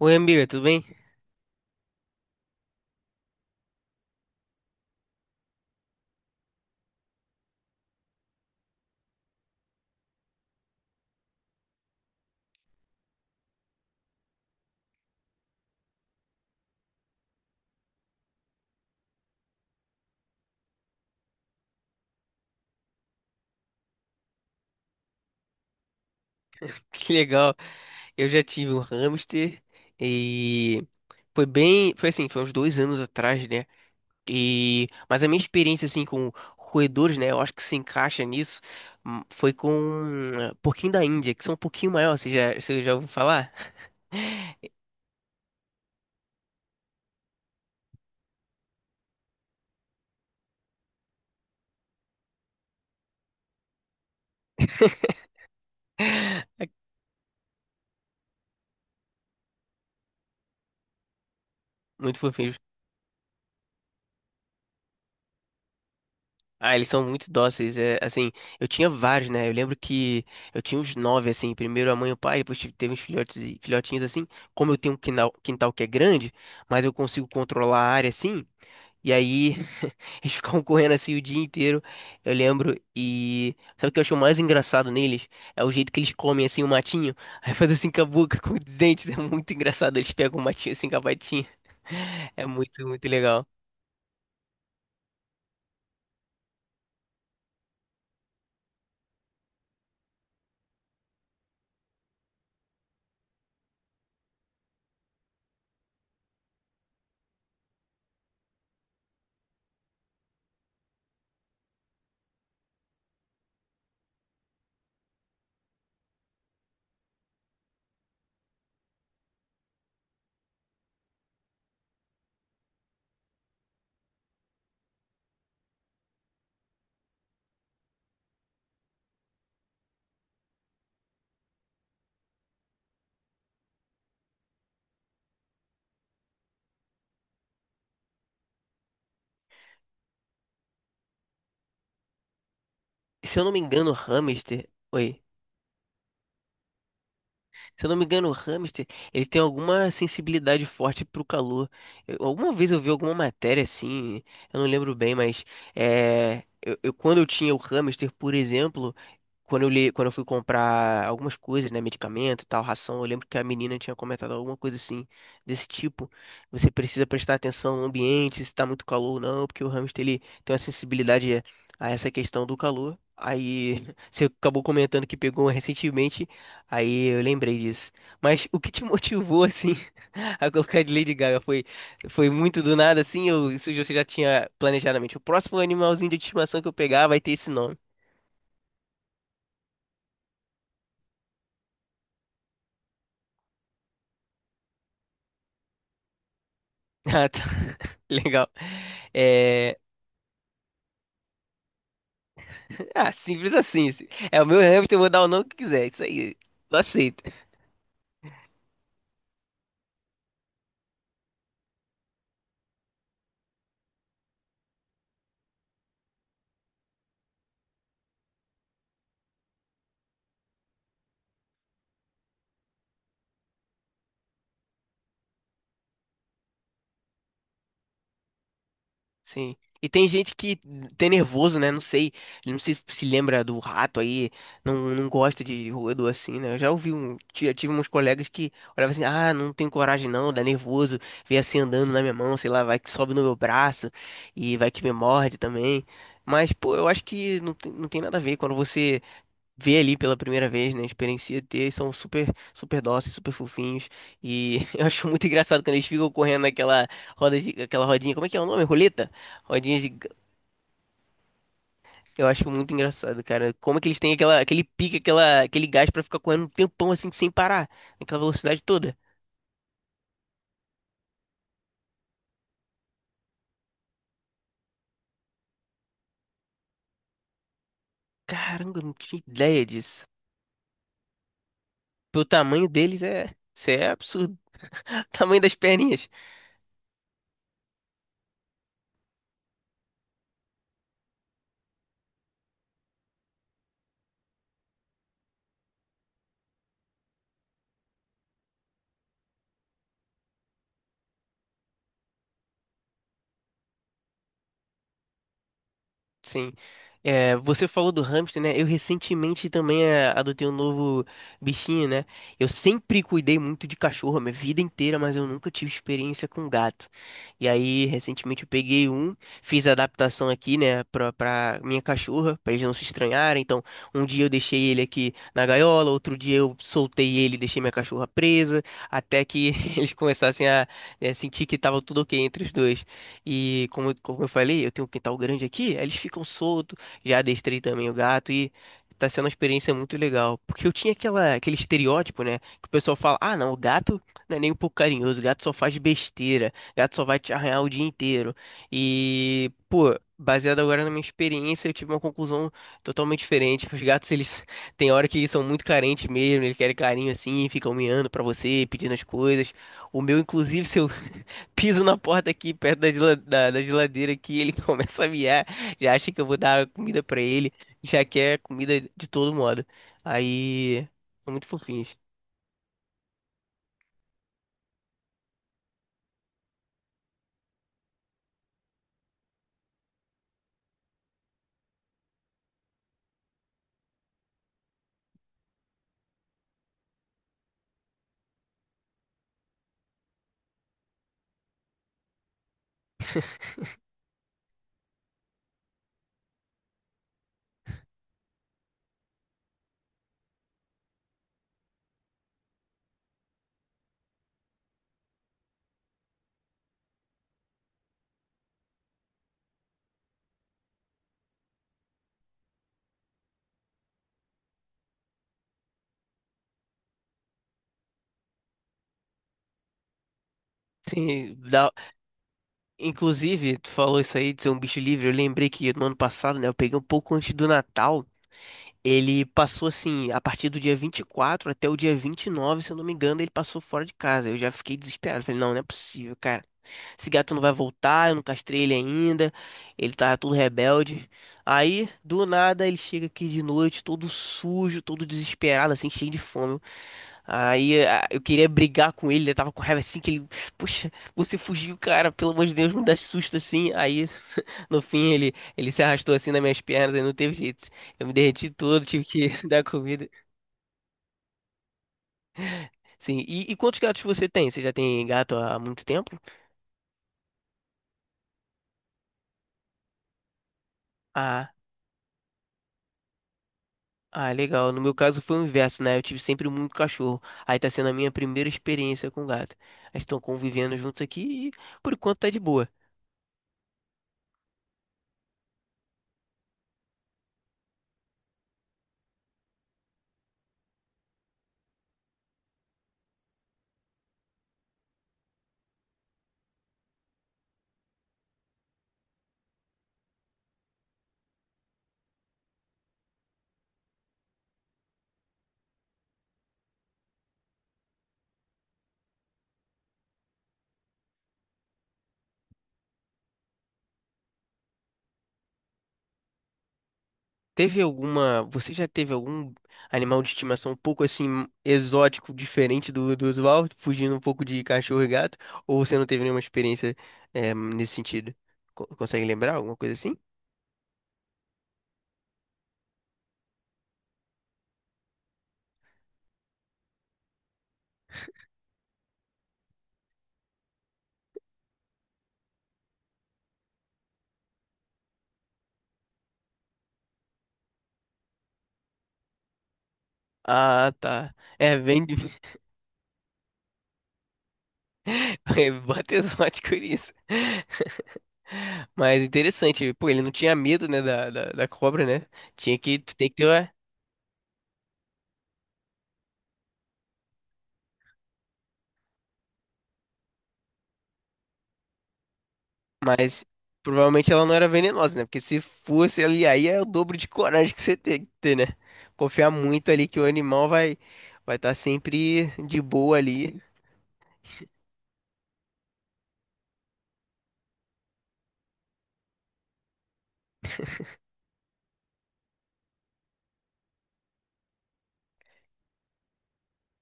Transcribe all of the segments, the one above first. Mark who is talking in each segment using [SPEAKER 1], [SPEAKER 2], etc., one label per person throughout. [SPEAKER 1] Oi, amiga, tudo bem? Que legal. Eu já tive um hamster e foi bem, foi assim, foi uns 2 anos atrás, né? Mas a minha experiência assim com roedores, né? Eu acho que se encaixa nisso. Foi com um pouquinho da Índia, que são um pouquinho maior. Você já ouviu falar? Muito fofinho. Ah, eles são muito dóceis. É, assim, eu tinha vários, né? Eu lembro que eu tinha uns 9, assim. Primeiro a mãe e o pai, teve uns filhotinhos, assim. Como eu tenho um quintal que é grande, mas eu consigo controlar a área, assim. E aí, eles ficavam correndo assim o dia inteiro, eu lembro. E sabe o que eu acho mais engraçado neles? É o jeito que eles comem, assim, o matinho. Aí faz assim com a boca, com os dentes. É muito engraçado. Eles pegam o matinho assim com a patinha. É muito legal. Se eu não me engano, hamster. Oi. Se eu não me engano, o hamster, ele tem alguma sensibilidade forte pro calor. Alguma vez eu vi alguma matéria assim, eu não lembro bem, mas quando eu tinha o hamster, por exemplo, quando eu fui comprar algumas coisas, né, medicamento e tal, ração, eu lembro que a menina tinha comentado alguma coisa assim, desse tipo. Você precisa prestar atenção no ambiente, se tá muito calor ou não, porque o hamster, ele tem uma sensibilidade a essa questão do calor. Aí você acabou comentando que pegou recentemente. Aí eu lembrei disso. Mas o que te motivou, assim, a colocar de Lady Gaga? Foi muito do nada, assim? Ou isso você já tinha planejado na mente? O próximo animalzinho de estimação que eu pegar vai ter esse nome. Ah, tá. Legal. É... Ah, simples assim. É o meu hamster, eu vou dar o nome que quiser. Isso aí. Eu aceito. Sim. E tem gente que tem nervoso, né? Não sei, ele não se, se lembra do rato aí, não gosta de roedor assim, né? Eu já ouvi um, tive uns colegas que olhavam assim, ah, não tenho coragem não, dá nervoso, vem assim andando na minha mão, sei lá, vai que sobe no meu braço e vai que me morde também. Mas, pô, eu acho que não tem nada a ver quando você vê ali pela primeira vez, né? Experiencia ter, são super dóceis, super fofinhos. E eu acho muito engraçado quando eles ficam correndo aquela rodinha, como é que é o nome? Roleta? Rodinha de... Eu acho muito engraçado, cara. Como é que eles têm aquele pique, aquele gás pra ficar correndo um tempão assim sem parar, naquela velocidade toda. Caramba, eu não tinha ideia disso. Pelo tamanho deles é, isso é absurdo. O tamanho das perninhas. Sim. É, você falou do hamster, né? Eu recentemente também é, adotei um novo bichinho, né? Eu sempre cuidei muito de cachorro a minha vida inteira, mas eu nunca tive experiência com gato. E aí, recentemente eu peguei um, fiz a adaptação aqui, né, pra minha cachorra, pra eles não se estranharem. Então, um dia eu deixei ele aqui na gaiola, outro dia eu soltei ele e deixei minha cachorra presa, até que eles começassem a, é, sentir que tava tudo ok entre os dois. E como, como eu falei, eu tenho um quintal grande aqui, aí eles ficam soltos, já adestrei também o gato e tá sendo uma experiência muito legal. Porque eu tinha aquele estereótipo, né? Que o pessoal fala, ah, não, o gato não é nem um pouco carinhoso, o gato só faz besteira, o gato só vai te arranhar o dia inteiro. E, pô, baseado agora na minha experiência, eu tive uma conclusão totalmente diferente. Os gatos, eles tem hora que são muito carentes mesmo, eles querem carinho assim, ficam miando pra você, pedindo as coisas. O meu, inclusive, se eu piso na porta aqui, perto da, gela- da- da geladeira aqui, ele começa a miar, já acha que eu vou dar comida pra ele, já quer comida de todo modo. Aí, são muito fofinhos. Sim, dá... Inclusive, tu falou isso aí de ser um bicho livre, eu lembrei que no ano passado, né, eu peguei um pouco antes do Natal. Ele passou assim, a partir do dia 24 até o dia 29, se eu não me engano, ele passou fora de casa. Eu já fiquei desesperado. Falei, não, não é possível, cara. Esse gato não vai voltar, eu não castrei ele ainda. Ele tá todo rebelde. Aí, do nada, ele chega aqui de noite, todo sujo, todo desesperado, assim, cheio de fome. Eu queria brigar com ele, eu tava com raiva assim, que ele, poxa, você fugiu, cara, pelo amor de Deus, não dá susto assim. Aí, no fim, ele se arrastou assim nas minhas pernas, aí não teve jeito. Eu me derreti todo, tive que dar comida. Sim. E quantos gatos você tem? Você já tem gato há muito tempo? Ah, ah, legal. No meu caso foi o inverso, né? Eu tive sempre muito cachorro. Aí tá sendo a minha primeira experiência com gato. Eles estão convivendo juntos aqui e por enquanto tá de boa. Teve alguma. Você já teve algum animal de estimação um pouco assim exótico, diferente do usual, fugindo um pouco de cachorro e gato? Ou você não teve nenhuma experiência nesse sentido? Consegue lembrar alguma coisa assim? Ah, tá. É, vem, Bota exótico nisso. Mas interessante, pô, ele não tinha medo, né, da cobra, né? Tu tem que ter, mas provavelmente ela não era venenosa, né? Porque se fosse ali, aí é o dobro de coragem que você tem que ter, né? Confiar muito ali que o animal vai estar sempre de boa ali.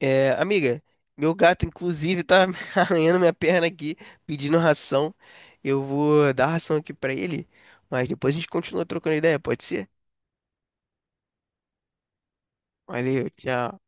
[SPEAKER 1] É, amiga, meu gato inclusive tá arranhando minha perna aqui, pedindo ração. Eu vou dar ração aqui pra ele, mas depois a gente continua trocando ideia, pode ser? Valeu, tchau.